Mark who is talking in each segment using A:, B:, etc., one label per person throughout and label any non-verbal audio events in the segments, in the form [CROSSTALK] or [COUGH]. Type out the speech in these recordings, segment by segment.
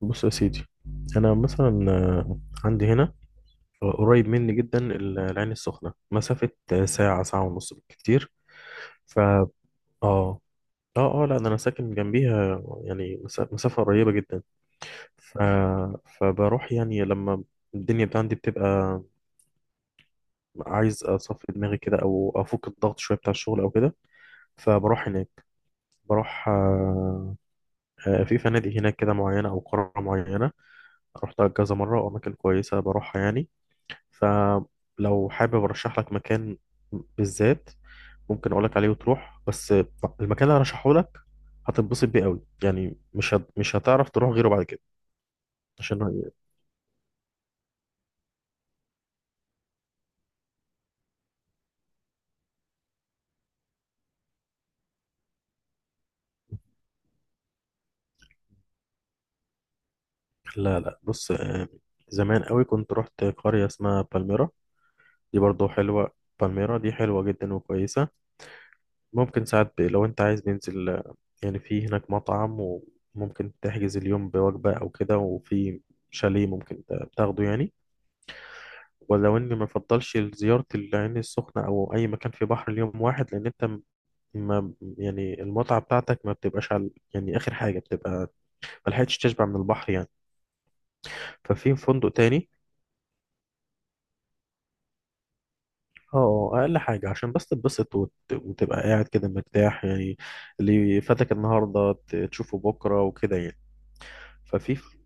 A: بص يا سيدي، انا مثلا عندي هنا، قريب مني جدا العين السخنه، مسافه ساعه، ساعه ونص بالكتير. ف اه اه اه لا ده انا ساكن جنبيها، يعني مسافه قريبه جدا. ف... فبروح يعني لما الدنيا بتاع عندي بتبقى عايز اصفي دماغي كده او افك الضغط شويه بتاع الشغل او كده، فبروح هناك. بروح آه، آه، في فنادق هناك كده معينه او قرى معينه، رحتها كذا مره، واماكن كويسه بروحها يعني. فلو حابب ارشح لك مكان بالذات ممكن اقول لك عليه وتروح، بس المكان اللي هرشحه لك هتنبسط بيه قوي، يعني مش هتعرف تروح غيره بعد كده عشان. لا لا بص، زمان قوي كنت رحت قرية اسمها بالميرا. دي برضو حلوة. بالميرا دي حلوة جدا وكويسة. ممكن ساعات لو انت عايز ننزل، يعني في هناك مطعم وممكن تحجز اليوم بوجبة او كده، وفي شاليه ممكن تاخده يعني. ولو اني ما افضلش زيارة العين السخنة او اي مكان في بحر اليوم واحد لان انت ما يعني المتعة بتاعتك ما بتبقاش على، يعني اخر حاجة بتبقى ما لحقتش تشبع من البحر يعني. ففي فندق تاني. اقل حاجة عشان بس تتبسط وتبقى قاعد كده مرتاح يعني، اللي فاتك النهاردة تشوفه بكرة وكده يعني. ففي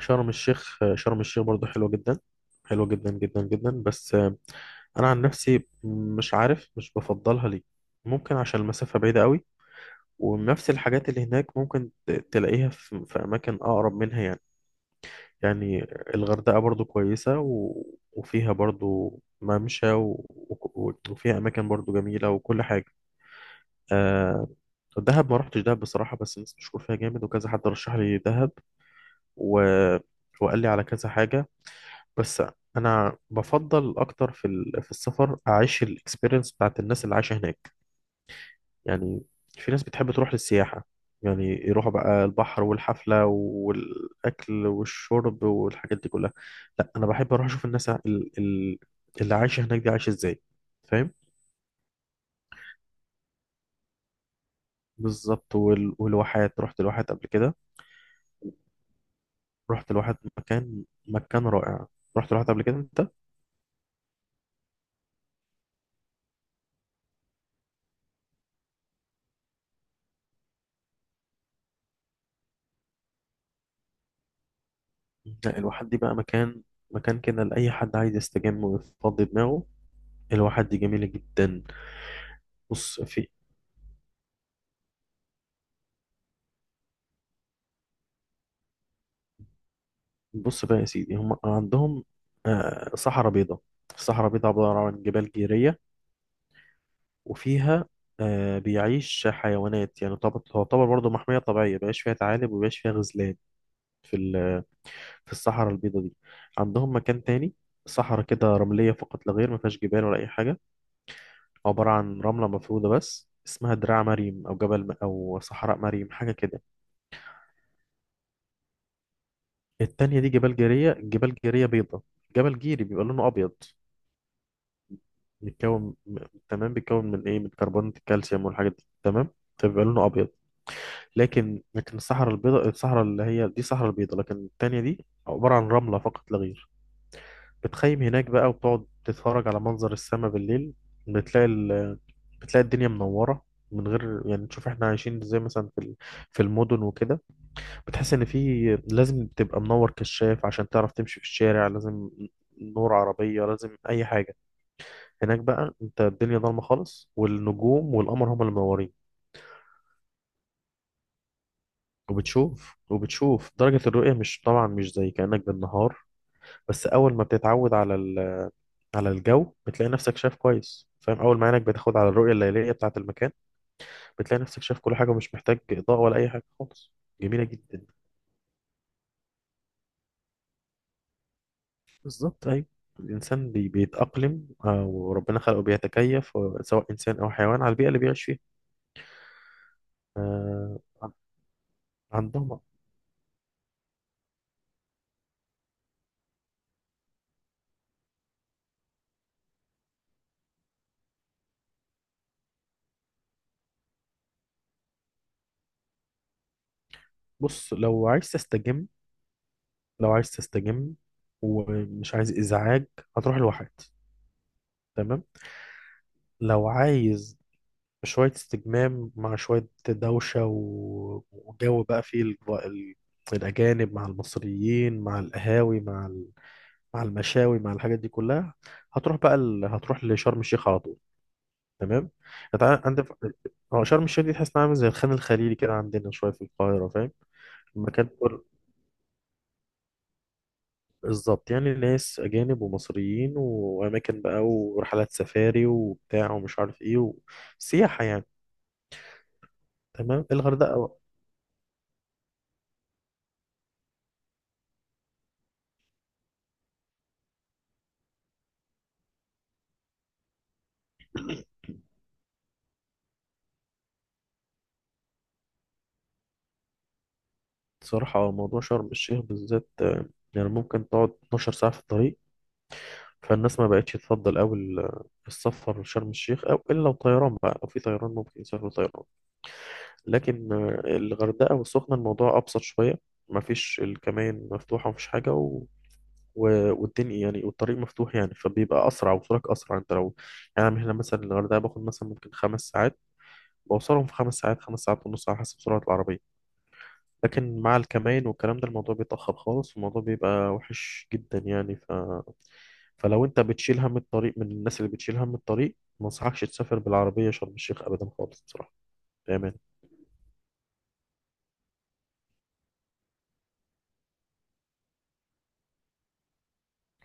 A: شرم الشيخ. شرم الشيخ برضه حلوة جدا، حلوة جدا جدا جدا. بس انا عن نفسي مش عارف مش بفضلها ليه. ممكن عشان المسافة بعيدة قوي، ونفس الحاجات اللي هناك ممكن تلاقيها في أماكن أقرب منها يعني يعني. الغردقة برضو كويسة، وفيها برضو ممشى، وفيها أماكن برضو جميلة وكل حاجة. آه... دهب، ما رحتش دهب بصراحة، بس الناس بتشكر فيها جامد وكذا حد رشح لي دهب، و... وقال لي على كذا حاجة. بس أنا بفضل أكتر في السفر أعيش الإكسبيرينس بتاعت الناس اللي عايشة هناك يعني. في ناس بتحب تروح للسياحة، يعني يروحوا بقى البحر والحفلة والأكل والشرب والحاجات دي كلها. لا أنا بحب أروح أشوف الناس اللي عايشة هناك دي عايشة إزاي، فاهم. بالظبط، والواحات، رحت الواحات قبل كده. رحت الواحات مكان مكان رائع. رحت الواحات قبل كده أنت. لا الواحات دي بقى مكان، مكان كده لأي حد عايز يستجم ويفضي دماغه. الواحات دي جميلة جدا. بص في بص بقى يا سيدي، هم عندهم صحراء بيضاء. الصحراء بيضاء عبارة عن جبال جيرية، وفيها بيعيش حيوانات يعني تعتبر برضه محمية طبيعية، بيعيش فيها ثعالب وبيعيش فيها غزلان في ال- في الصحراء البيضاء دي. عندهم مكان تاني، صحراء كده رملية فقط لا غير، ما فيهاش جبال ولا أي حاجة، عبارة عن رملة مفرودة بس، اسمها دراع مريم أو أو صحراء مريم حاجة كده. التانية دي جبال جيرية، جبال جيرية بيضاء. جبل جيري بيبقى لونه أبيض. بيتكون م- تمام، بيتكون من ايه، من كربونات الكالسيوم والحاجات دي، تمام، فبيبقى لونه ابيض. لكن الصحراء البيضاء، الصحراء اللي هي دي صحراء البيضاء، لكن التانية دي عبارة عن رملة فقط لا غير. بتخيم هناك بقى وبتقعد تتفرج على منظر السماء بالليل، بتلاقي ال... بتلاقي الدنيا منورة، من غير يعني تشوف احنا عايشين ازاي مثلا في المدن وكده. بتحس ان في لازم تبقى منور كشاف عشان تعرف تمشي في الشارع، لازم نور عربية، لازم اي حاجة. هناك بقى انت الدنيا ضلمه خالص، والنجوم والقمر هما اللي منورين. وبتشوف درجه الرؤيه، مش طبعا مش زي كانك بالنهار، بس اول ما بتتعود على الجو بتلاقي نفسك شايف كويس، فاهم، اول ما عينك بتاخد على الرؤيه الليليه بتاعه المكان بتلاقي نفسك شايف كل حاجه، ومش محتاج اضاءه ولا اي حاجه خالص، جميله جدا. بالظبط ايوه. الانسان بيتاقلم، وربنا خلقه بيتكيف، سواء انسان او حيوان، على البيئه اللي بيعيش فيها. آه، عندهم. بص، لو عايز تستجم، لو عايز تستجم ومش عايز إزعاج، هتروح لواحد، تمام. لو عايز شوية استجمام مع شوية دوشة، وجو بقى فيه ال... الأجانب مع المصريين مع القهاوي مع المشاوي مع الحاجات دي كلها، هتروح لشرم الشيخ على طول، تمام. عندك، هو شرم الشيخ دي تحس انها عامل زي الخان الخليلي كده عندنا شوية في القاهرة، فاهم. المكان بالظبط، يعني ناس أجانب ومصريين وأماكن بقى ورحلات سفاري وبتاع ومش عارف إيه وسياحة يعني. تمام. الغردقة بقى، بصراحة موضوع شرم الشيخ بالذات، يعني ممكن تقعد 12 ساعة في الطريق. فالناس ما بقتش تفضل أوي السفر لشرم الشيخ، أو إلا لو طيران بقى، لو في طيران ممكن يسافروا طيران. لكن الغردقة والسخنة الموضوع أبسط شوية. مفيش، الكمائن مفتوحة ومفيش حاجة، والدنيا يعني، والطريق مفتوح يعني، فبيبقى اسرع وصولك اسرع، انت لو يعني. أنا من هنا مثلا الغردقه باخد مثلا ممكن خمس ساعات، بوصلهم في خمس ساعات، خمس ساعات ونص، على حسب سرعه العربيه. لكن مع الكمائن والكلام ده الموضوع بيتاخر خالص، والموضوع بيبقى وحش جدا يعني. فلو انت بتشيل هم الطريق، من الناس اللي بتشيل هم الطريق، ما انصحكش تسافر بالعربيه شرم الشيخ ابدا خالص بصراحه، بامان.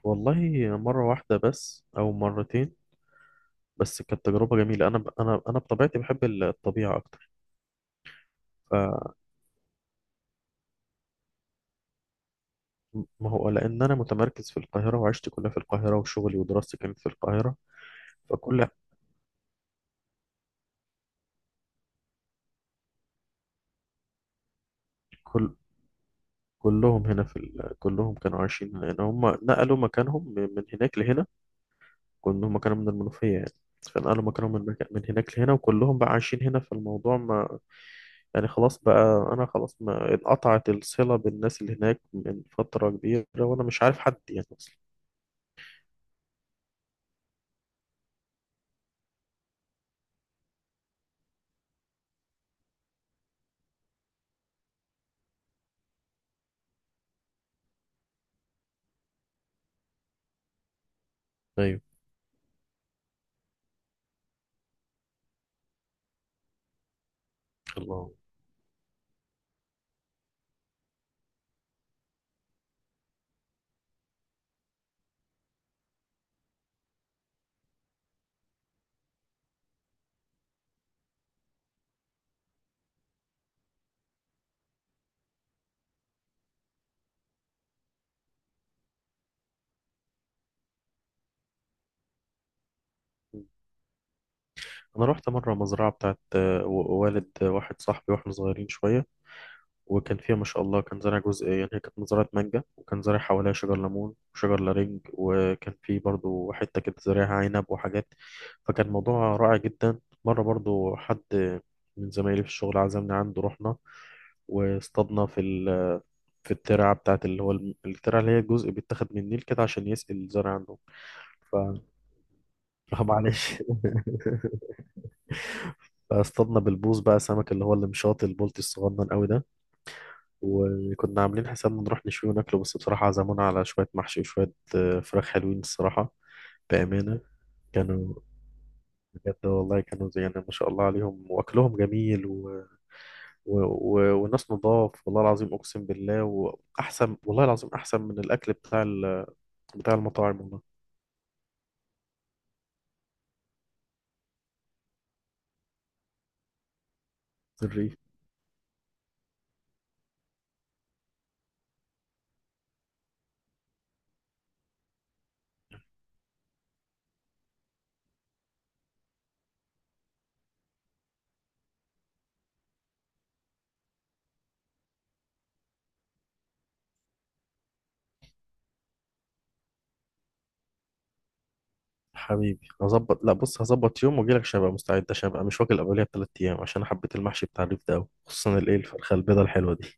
A: والله مره واحده بس او مرتين، بس كانت تجربه جميله. انا بطبيعتي بحب الطبيعه اكتر. ما هو لأن أنا متمركز في القاهرة وعشت كلها في القاهرة، وشغلي ودراستي كانت في القاهرة. فكل كل كلهم هنا كلهم كانوا عايشين هنا، لأن هم نقلوا مكانهم من هناك لهنا. كلهم هم كانوا من المنوفية يعني، فنقلوا مكانهم من، من هناك لهنا، وكلهم بقى عايشين هنا. فالموضوع ما يعني، خلاص بقى، أنا خلاص ما انقطعت الصلة بالناس اللي هناك من فترة كبيرة، وأنا مش عارف حد يعني أصلا. أيوه. الله، أنا رحت مرة مزرعة بتاعت، والد واحد صاحبي، وإحنا صغيرين شوية، وكان فيها ما شاء الله كان زارع جزء، يعني هي كانت مزرعة مانجا، وكان زارع حواليها شجر ليمون وشجر لارنج، وكان في برضو حتة كده زارعها عنب وحاجات. فكان موضوع رائع جدا. مرة برضو حد من زمايلي في الشغل عزمنا عنده، رحنا واصطادنا في الترعة بتاعت اللي هو الترعة، اللي هي الجزء بيتاخد من النيل كده عشان يسقي الزرع عنده. ف... [LAUGHS] معلش. فاصطادنا بالبوص بقى سمك اللي هو المشاط البلطي الصغنن قوي ده. وكنا عاملين حسابنا نروح نشوي وناكله، بس بصراحة عزمونا على شوية محشي وشوية فراخ حلوين الصراحة. بأمانة، كانوا، بجد والله كانوا زي يعني ما شاء الله عليهم، وأكلهم جميل، والناس نضاف، والله العظيم أقسم بالله، وأحسن، والله العظيم أحسن من الأكل بتاع المطاعم والله. الريف، حبيبي، هظبط، لا بص، هظبط يوم واجيلك عشان ابقى مستعد، عشان ابقى مش واكل قبلها بثلاث ايام، عشان أنا حبيت المحشي بتاع الريف ده أوي. خصوصا الايه الفرخه البيضه الحلوه دي.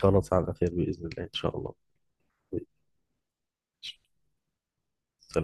A: خلاص، على خير باذن الله ان شاء الله.